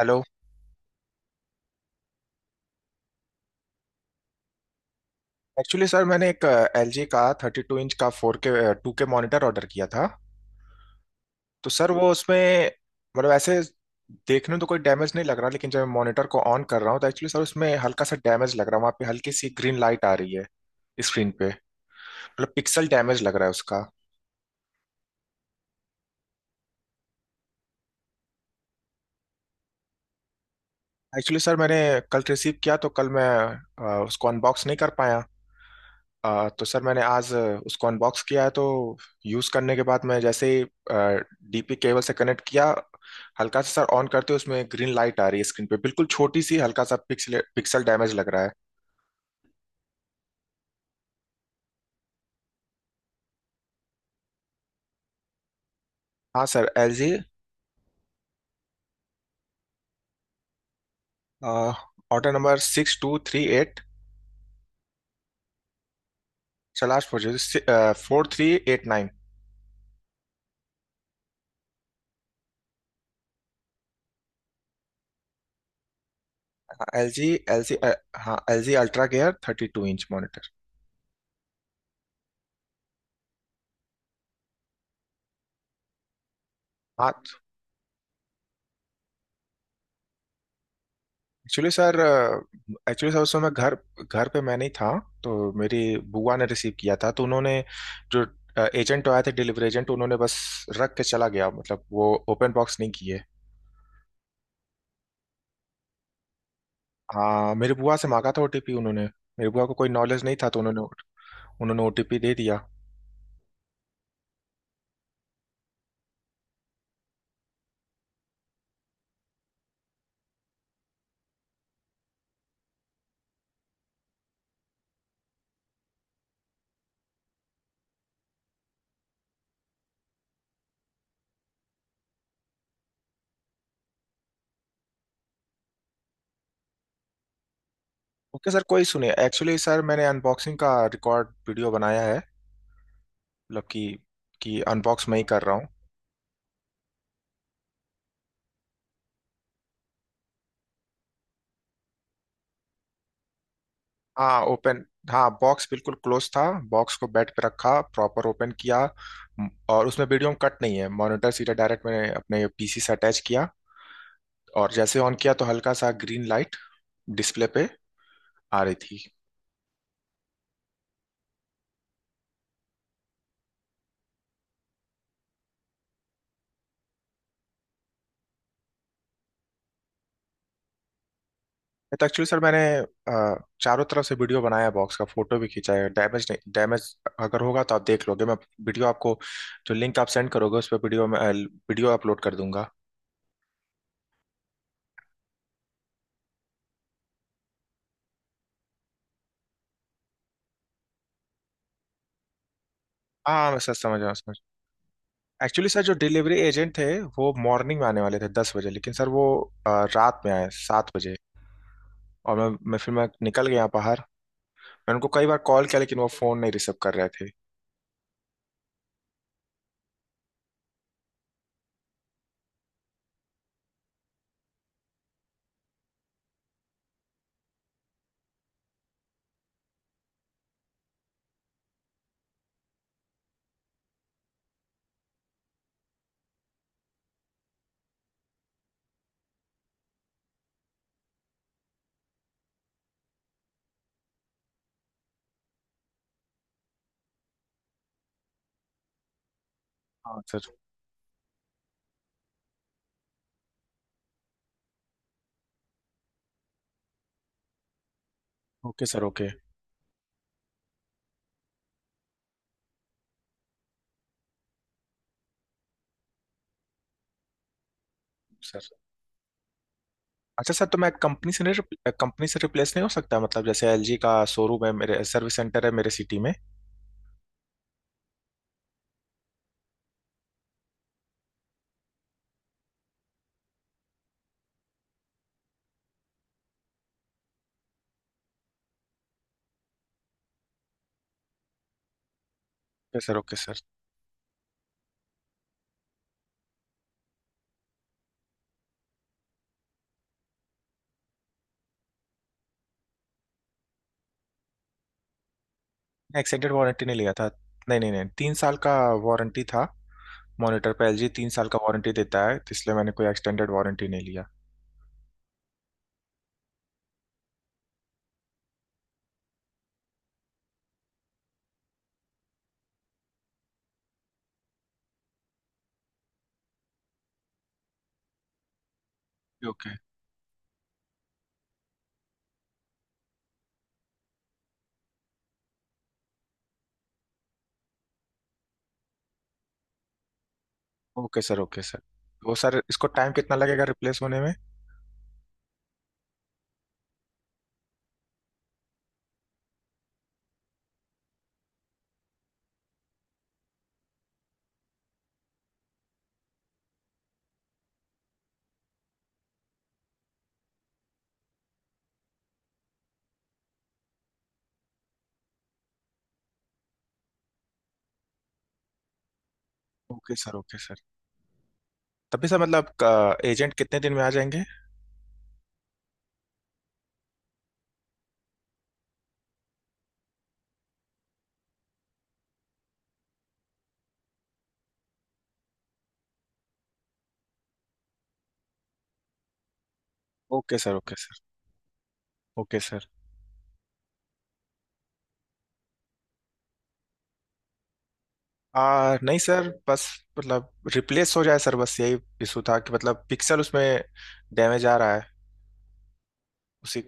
Hello. Actually sir मैंने एक L G का 32 इंच का four K two K monitor order किया था। तो सर वो उसमें मतलब ऐसे देखने में तो कोई डैमेज नहीं लग रहा, लेकिन जब मैं मॉनिटर को ऑन कर रहा हूँ तो एक्चुअली सर उसमें हल्का सा डैमेज लग रहा है, वहाँ पे हल्की सी ग्रीन लाइट आ रही है स्क्रीन पे। मतलब पिक्सल डैमेज लग रहा है उसका। एक्चुअली सर मैंने कल रिसीव किया, तो कल मैं उसको अनबॉक्स नहीं कर पाया। तो सर मैंने आज उसको अनबॉक्स किया है, तो यूज़ करने के बाद मैं जैसे ही डीपी केबल से कनेक्ट किया, हल्का सा सर ऑन करते ही उसमें ग्रीन लाइट आ रही है स्क्रीन पे, बिल्कुल छोटी सी, हल्का सा पिक्सल पिक्सल डैमेज लग रहा है। हाँ sir, L G. Order number 6238। Last four, 4389। L G, हाँ L G ultra gear 32 inch monitor. हाँ। एक्चुअली सर एक्चुअली सर उस समय घर घर पे मैं नहीं था, तो मेरी बुआ ने रिसीव किया था। तो उन्होंने, जो एजेंट आए थे डिलीवरी एजेंट, उन्होंने बस रख के चला गया, मतलब वो ओपन बॉक्स नहीं किए। हाँ मेरी बुआ से मांगा था ओटीपी उन्होंने। मेरी बुआ को कोई नॉलेज नहीं था तो उन्होंने उन्होंने ओटीपी दे दिया। ओके सर, कोई सुने एक्चुअली सर, मैंने अनबॉक्सिंग का रिकॉर्ड वीडियो बनाया है। मतलब कि अनबॉक्स मैं ही कर रहा हूँ। हाँ ओपन हाँ, बॉक्स बिल्कुल क्लोज था। बॉक्स को बेड पे रखा, प्रॉपर ओपन किया। और उसमें वीडियो कट नहीं है, मॉनिटर सीधा डायरेक्ट मैंने अपने पीसी से अटैच किया, और जैसे ऑन किया तो हल्का सा ग्रीन लाइट डिस्प्ले पे आ रही थी। तो एक्चुअली सर मैंने चारों तरफ से वीडियो बनाया, बॉक्स का फोटो भी खींचा है। डैमेज नहीं, डैमेज अगर होगा तो आप देख लोगे। मैं वीडियो आपको, जो लिंक आप सेंड करोगे उस पर वीडियो अपलोड कर दूंगा। हाँ मैं सर समझ रहा हूँ, समझ एक्चुअली सर जो डिलीवरी एजेंट थे वो मॉर्निंग में आने वाले थे 10 बजे, लेकिन सर वो अ, रात में आए 7 बजे। और मैं फिर मैं निकल गया बाहर। मैं उनको कई बार कॉल किया, लेकिन वो फ़ोन नहीं रिसीव कर रहे थे। हाँ sir. Okay sir, okay sir. अच्छा सर, तो मैं कंपनी से, नहीं कंपनी से रिप्लेस नहीं हो सकता? मतलब जैसे एलजी का शोरूम है मेरे, सर्विस सेंटर है मेरे सिटी में। Okay sir, okay sir. Extended warranty नहीं लिया था। नहीं, नहीं, नहीं, 3 साल का वारंटी था। मॉनिटर पे एलजी 3 साल का वारंटी देता है, तो इसलिए मैंने कोई एक्सटेंडेड वारंटी नहीं लिया। Okay. Okay sir, okay sir. वो सर, इसको टाइम कितना लगेगा रिप्लेस होने में? Okay sir, okay sir. तभी सर मतलब एजेंट कितने दिन में आ जाएंगे? Okay sir, okay sir. Okay sir. आ नहीं सर, बस मतलब रिप्लेस हो जाए सर, बस यही इशू था कि मतलब पिक्सल उसमें डैमेज आ रहा है उसी।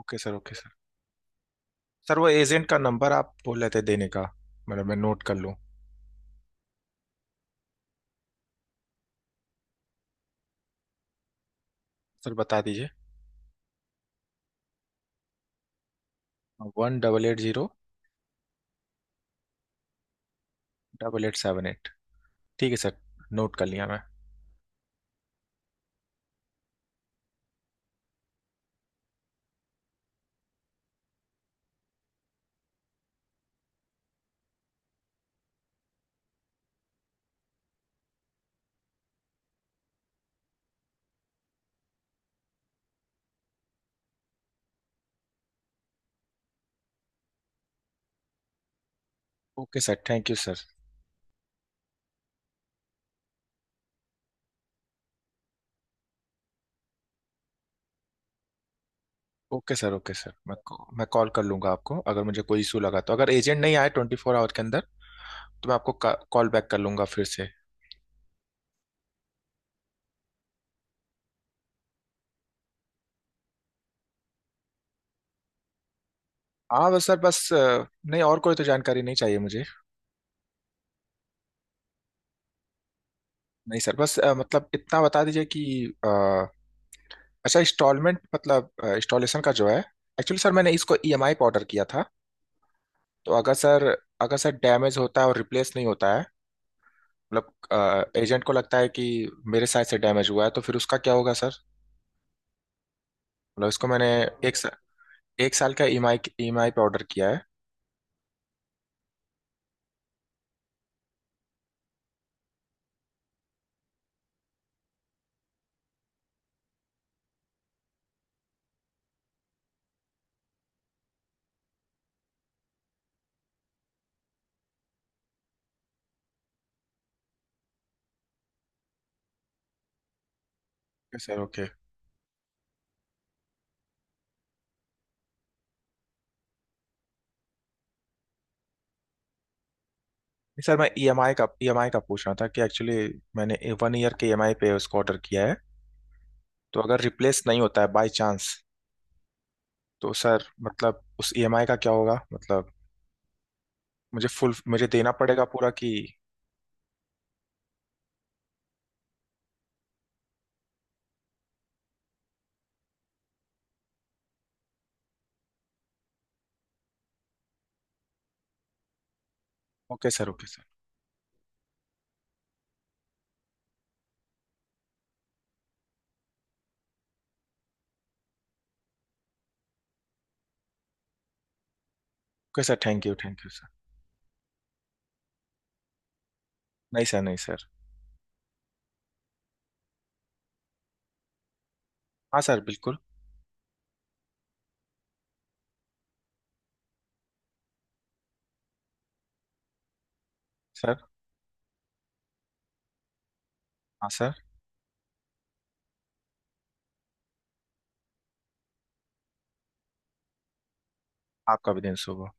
Okay sir, okay sir. Sir वो एजेंट का नंबर आप बोल रहे थे देने का, मतलब मैं नोट कर लूँ। सर बता दीजिए। 1880। 8878। ठीक है सर, नोट कर लिया मैं। Okay sir, thank you sir. Okay sir, okay sir, मैं कॉल कर लूंगा आपको अगर मुझे कोई इशू लगा तो, अगर एजेंट नहीं आए 24 आवर के अंदर तो मैं आपको कॉल बैक कर लूंगा फिर से। हाँ बस सर, बस नहीं और कोई तो जानकारी नहीं चाहिए मुझे। नहीं सर बस मतलब इतना बता दीजिए कि अ, अच्छा इंस्टॉलमेंट मतलब इंस्टॉलेशन का जो है, एक्चुअली सर मैंने इसको ईएमआई पे ऑर्डर किया था। तो अगर सर डैमेज होता है और रिप्लेस नहीं होता है, मतलब एजेंट को लगता है कि मेरे साइड से डैमेज हुआ है, तो फिर उसका क्या होगा सर? मतलब इसको मैंने एक एक साल का ईएमआई ईएमआई पे ऑर्डर किया है। Yes, sir okay. सर मैं ईएमआई का पूछ रहा था कि, एक्चुअली मैंने 1 ईयर के ईएमआई पे उसको ऑर्डर किया है। तो अगर रिप्लेस नहीं होता है बाय चांस, तो सर मतलब उस ईएमआई का क्या होगा, मतलब मुझे फुल, मुझे देना पड़ेगा पूरा कि? Okay sir, okay sir. Okay sir, thank you, thank you sir. नहीं सर, नहीं सर। हाँ सर बिल्कुल। सर, हाँ सर। आपका भी दिन शुभ हो।